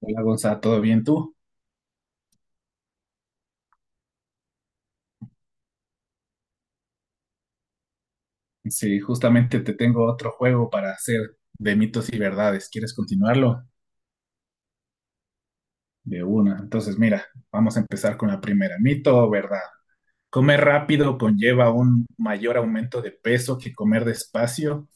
Hola Gonza, ¿todo bien tú? Sí, justamente te tengo otro juego para hacer de mitos y verdades. ¿Quieres continuarlo? De una. Entonces, mira, vamos a empezar con la primera. ¿Mito o verdad? Comer rápido conlleva un mayor aumento de peso que comer despacio.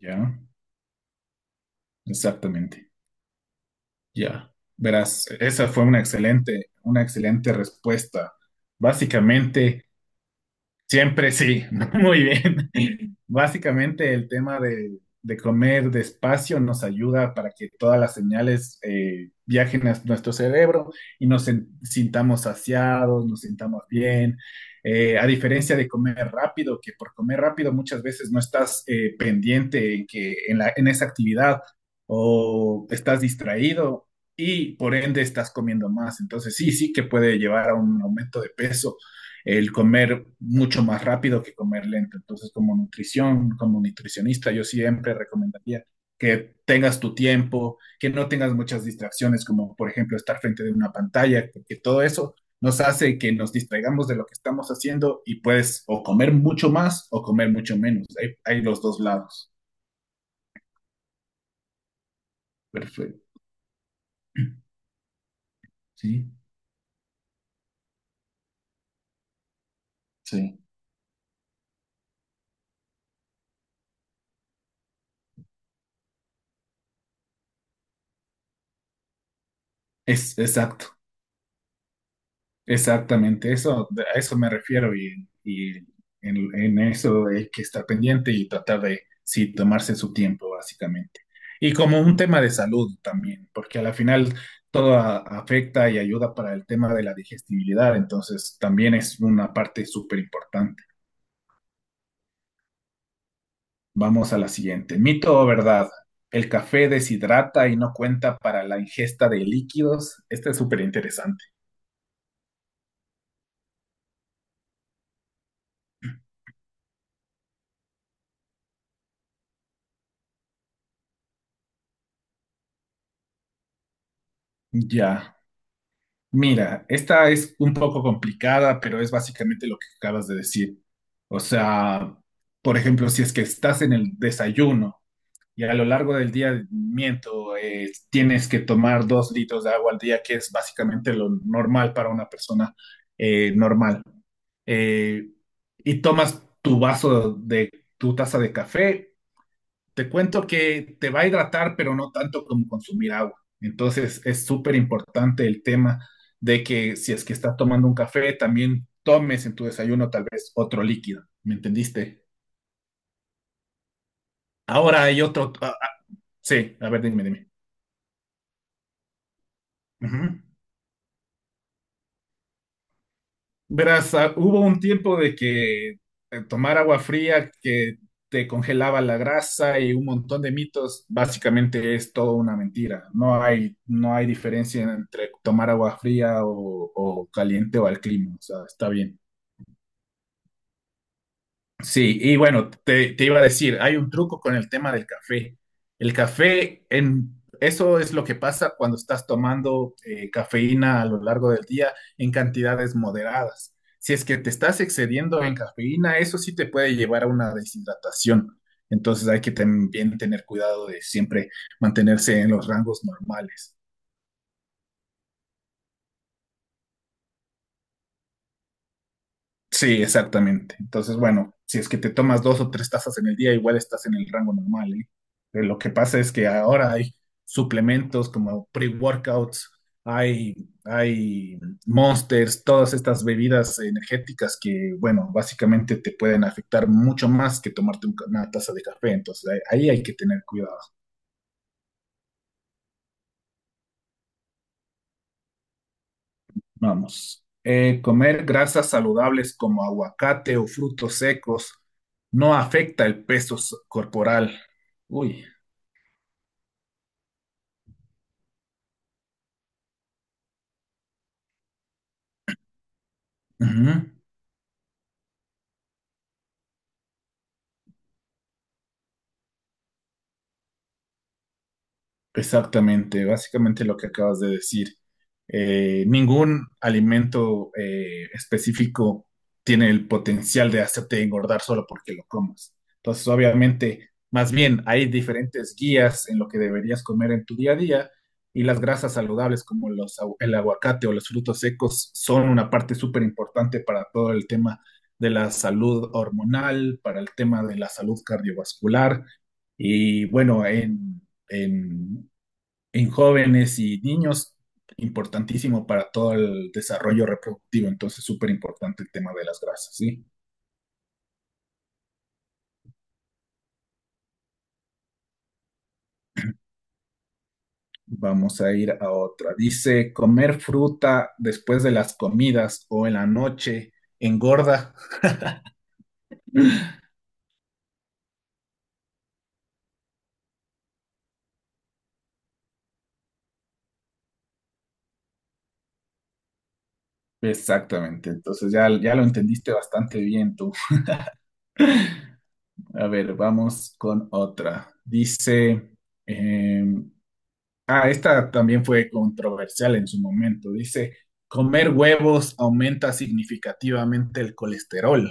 Ya, exactamente. Ya. Verás, esa fue una excelente respuesta. Básicamente. Siempre sí, muy bien. Básicamente el tema de comer despacio nos ayuda para que todas las señales viajen a nuestro cerebro y nos sintamos saciados, nos sintamos bien. A diferencia de comer rápido, que por comer rápido muchas veces no estás pendiente en que en la, en esa actividad o estás distraído y por ende estás comiendo más. Entonces sí, sí que puede llevar a un aumento de peso el comer mucho más rápido que comer lento. Entonces, como nutrición, como nutricionista, yo siempre recomendaría que tengas tu tiempo, que no tengas muchas distracciones, como por ejemplo estar frente de una pantalla, porque todo eso nos hace que nos distraigamos de lo que estamos haciendo y puedes o comer mucho más o comer mucho menos. Hay los dos lados. Perfecto. Sí, sí. Es exacto. Exactamente, eso, a eso me refiero y en eso hay que estar pendiente y tratar de, sí, tomarse su tiempo, básicamente. Y como un tema de salud también, porque a la final todo afecta y ayuda para el tema de la digestibilidad, entonces también es una parte súper importante. Vamos a la siguiente. ¿Mito o verdad? ¿El café deshidrata y no cuenta para la ingesta de líquidos? Este es súper interesante. Ya. Mira, esta es un poco complicada, pero es básicamente lo que acabas de decir. O sea, por ejemplo, si es que estás en el desayuno y a lo largo del día, miento, tienes que tomar 2 litros de agua al día, que es básicamente lo normal para una persona normal. Eh, y tomas tu taza de café, te cuento que te va a hidratar, pero no tanto como consumir agua. Entonces es súper importante el tema de que si es que estás tomando un café, también tomes en tu desayuno tal vez otro líquido. ¿Me entendiste? Ahora hay otro. Sí, a ver, dime, dime. Ujú. Verás, hubo un tiempo de que tomar agua fría que te congelaba la grasa y un montón de mitos, básicamente es todo una mentira. No hay diferencia entre tomar agua fría o caliente o al clima, o sea, está bien. Sí, y bueno, te iba a decir, hay un truco con el tema del café. El café, eso es lo que pasa cuando estás tomando cafeína a lo largo del día en cantidades moderadas. Si es que te estás excediendo en cafeína, eso sí te puede llevar a una deshidratación. Entonces hay que también tener cuidado de siempre mantenerse en los rangos normales. Sí, exactamente. Entonces, bueno, si es que te tomas dos o tres tazas en el día, igual estás en el rango normal, ¿eh? Pero lo que pasa es que ahora hay suplementos como pre-workouts, hay, hay Monsters, todas estas bebidas energéticas que, bueno, básicamente te pueden afectar mucho más que tomarte un una taza de café. Entonces, ahí hay que tener cuidado. Vamos. Comer grasas saludables como aguacate o frutos secos no afecta el peso corporal. Uy. Exactamente, básicamente lo que acabas de decir. Ningún alimento específico tiene el potencial de hacerte engordar solo porque lo comas. Entonces, obviamente, más bien hay diferentes guías en lo que deberías comer en tu día a día y las grasas saludables como el aguacate o los frutos secos son una parte súper importante para todo el tema de la salud hormonal, para el tema de la salud cardiovascular. Y bueno, en en jóvenes y niños, importantísimo para todo el desarrollo reproductivo, entonces súper importante el tema de las grasas, ¿sí? Vamos a ir a otra. Dice, comer fruta después de las comidas o en la noche engorda. Exactamente, entonces ya, ya lo entendiste bastante bien tú. A ver, vamos con otra. Dice, eh, ah, esta también fue controversial en su momento. Dice, comer huevos aumenta significativamente el colesterol.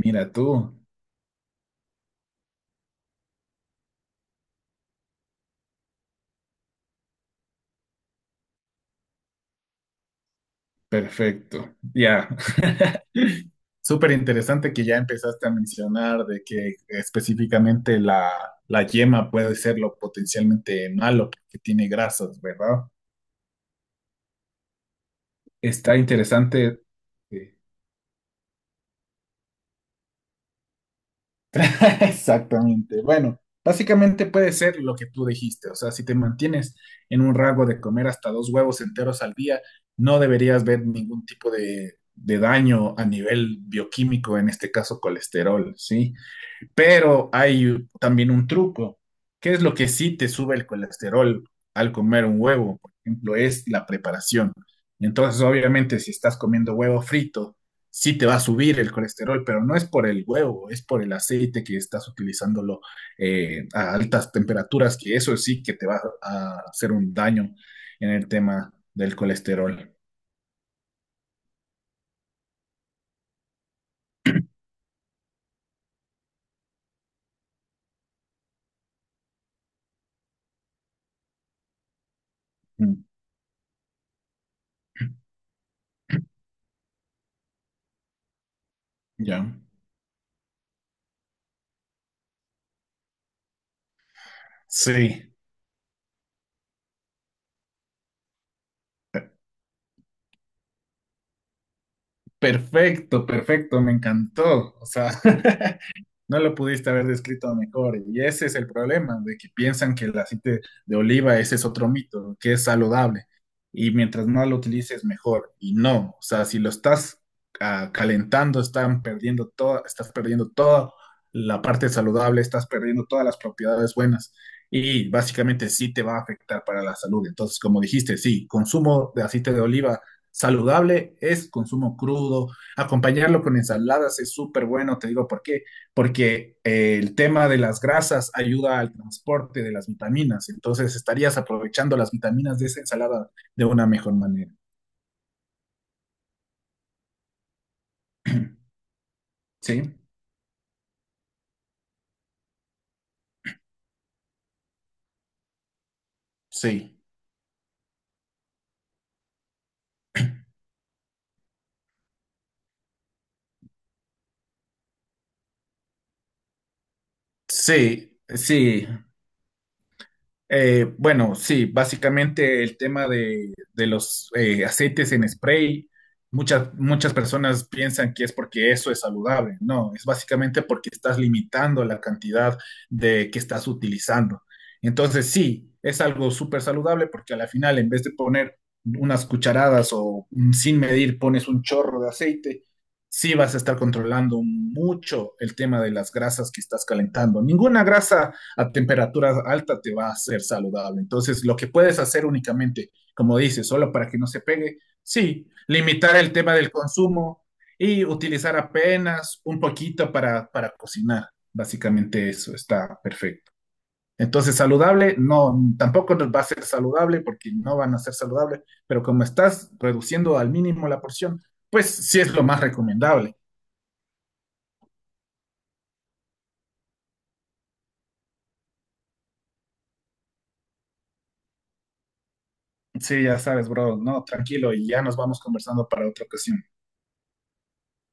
Mira tú, perfecto. Ya, súper interesante que ya empezaste a mencionar de que específicamente la yema puede ser lo potencialmente malo porque tiene grasas, ¿verdad? Está interesante. eh, Exactamente. Bueno, básicamente puede ser lo que tú dijiste. O sea, si te mantienes en un rango de comer hasta dos huevos enteros al día, no deberías ver ningún tipo de daño a nivel bioquímico, en este caso colesterol, ¿sí? Pero hay también un truco. ¿Qué es lo que sí te sube el colesterol al comer un huevo? Por ejemplo, es la preparación. Entonces, obviamente, si estás comiendo huevo frito, sí te va a subir el colesterol, pero no es por el huevo, es por el aceite que estás utilizándolo a altas temperaturas, que eso sí que te va a hacer un daño en el tema del colesterol. Mm. Ya. Sí, perfecto, perfecto, me encantó. O sea, no lo pudiste haber descrito mejor. Y ese es el problema, de que piensan que el aceite de oliva, ese es otro mito, que es saludable. Y mientras más lo utilices, mejor. Y no, o sea, si lo estás calentando, estás perdiendo toda la parte saludable, estás perdiendo todas las propiedades buenas. Y básicamente sí te va a afectar para la salud. Entonces, como dijiste, sí, consumo de aceite de oliva saludable es consumo crudo. Acompañarlo con ensaladas es súper bueno, te digo por qué, porque el tema de las grasas ayuda al transporte de las vitaminas, entonces estarías aprovechando las vitaminas de esa ensalada de una mejor manera. Sí, sí, sí, sí. Bueno, sí, básicamente el tema de los aceites en spray, muchas personas piensan que es porque eso es saludable. No, es básicamente porque estás limitando la cantidad de que estás utilizando. Entonces, sí, es algo súper saludable porque a la final, en vez de poner unas cucharadas o sin medir pones un chorro de aceite, sí vas a estar controlando mucho el tema de las grasas que estás calentando. Ninguna grasa a temperaturas altas te va a ser saludable. Entonces, lo que puedes hacer únicamente, como dices, solo para que no se pegue, sí, limitar el tema del consumo y utilizar apenas un poquito para cocinar. Básicamente eso está perfecto. Entonces, saludable, no, tampoco nos va a ser saludable porque no van a ser saludables, pero como estás reduciendo al mínimo la porción, pues sí es lo más recomendable. Sí, ya sabes, bro, no, tranquilo y ya nos vamos conversando para otra ocasión.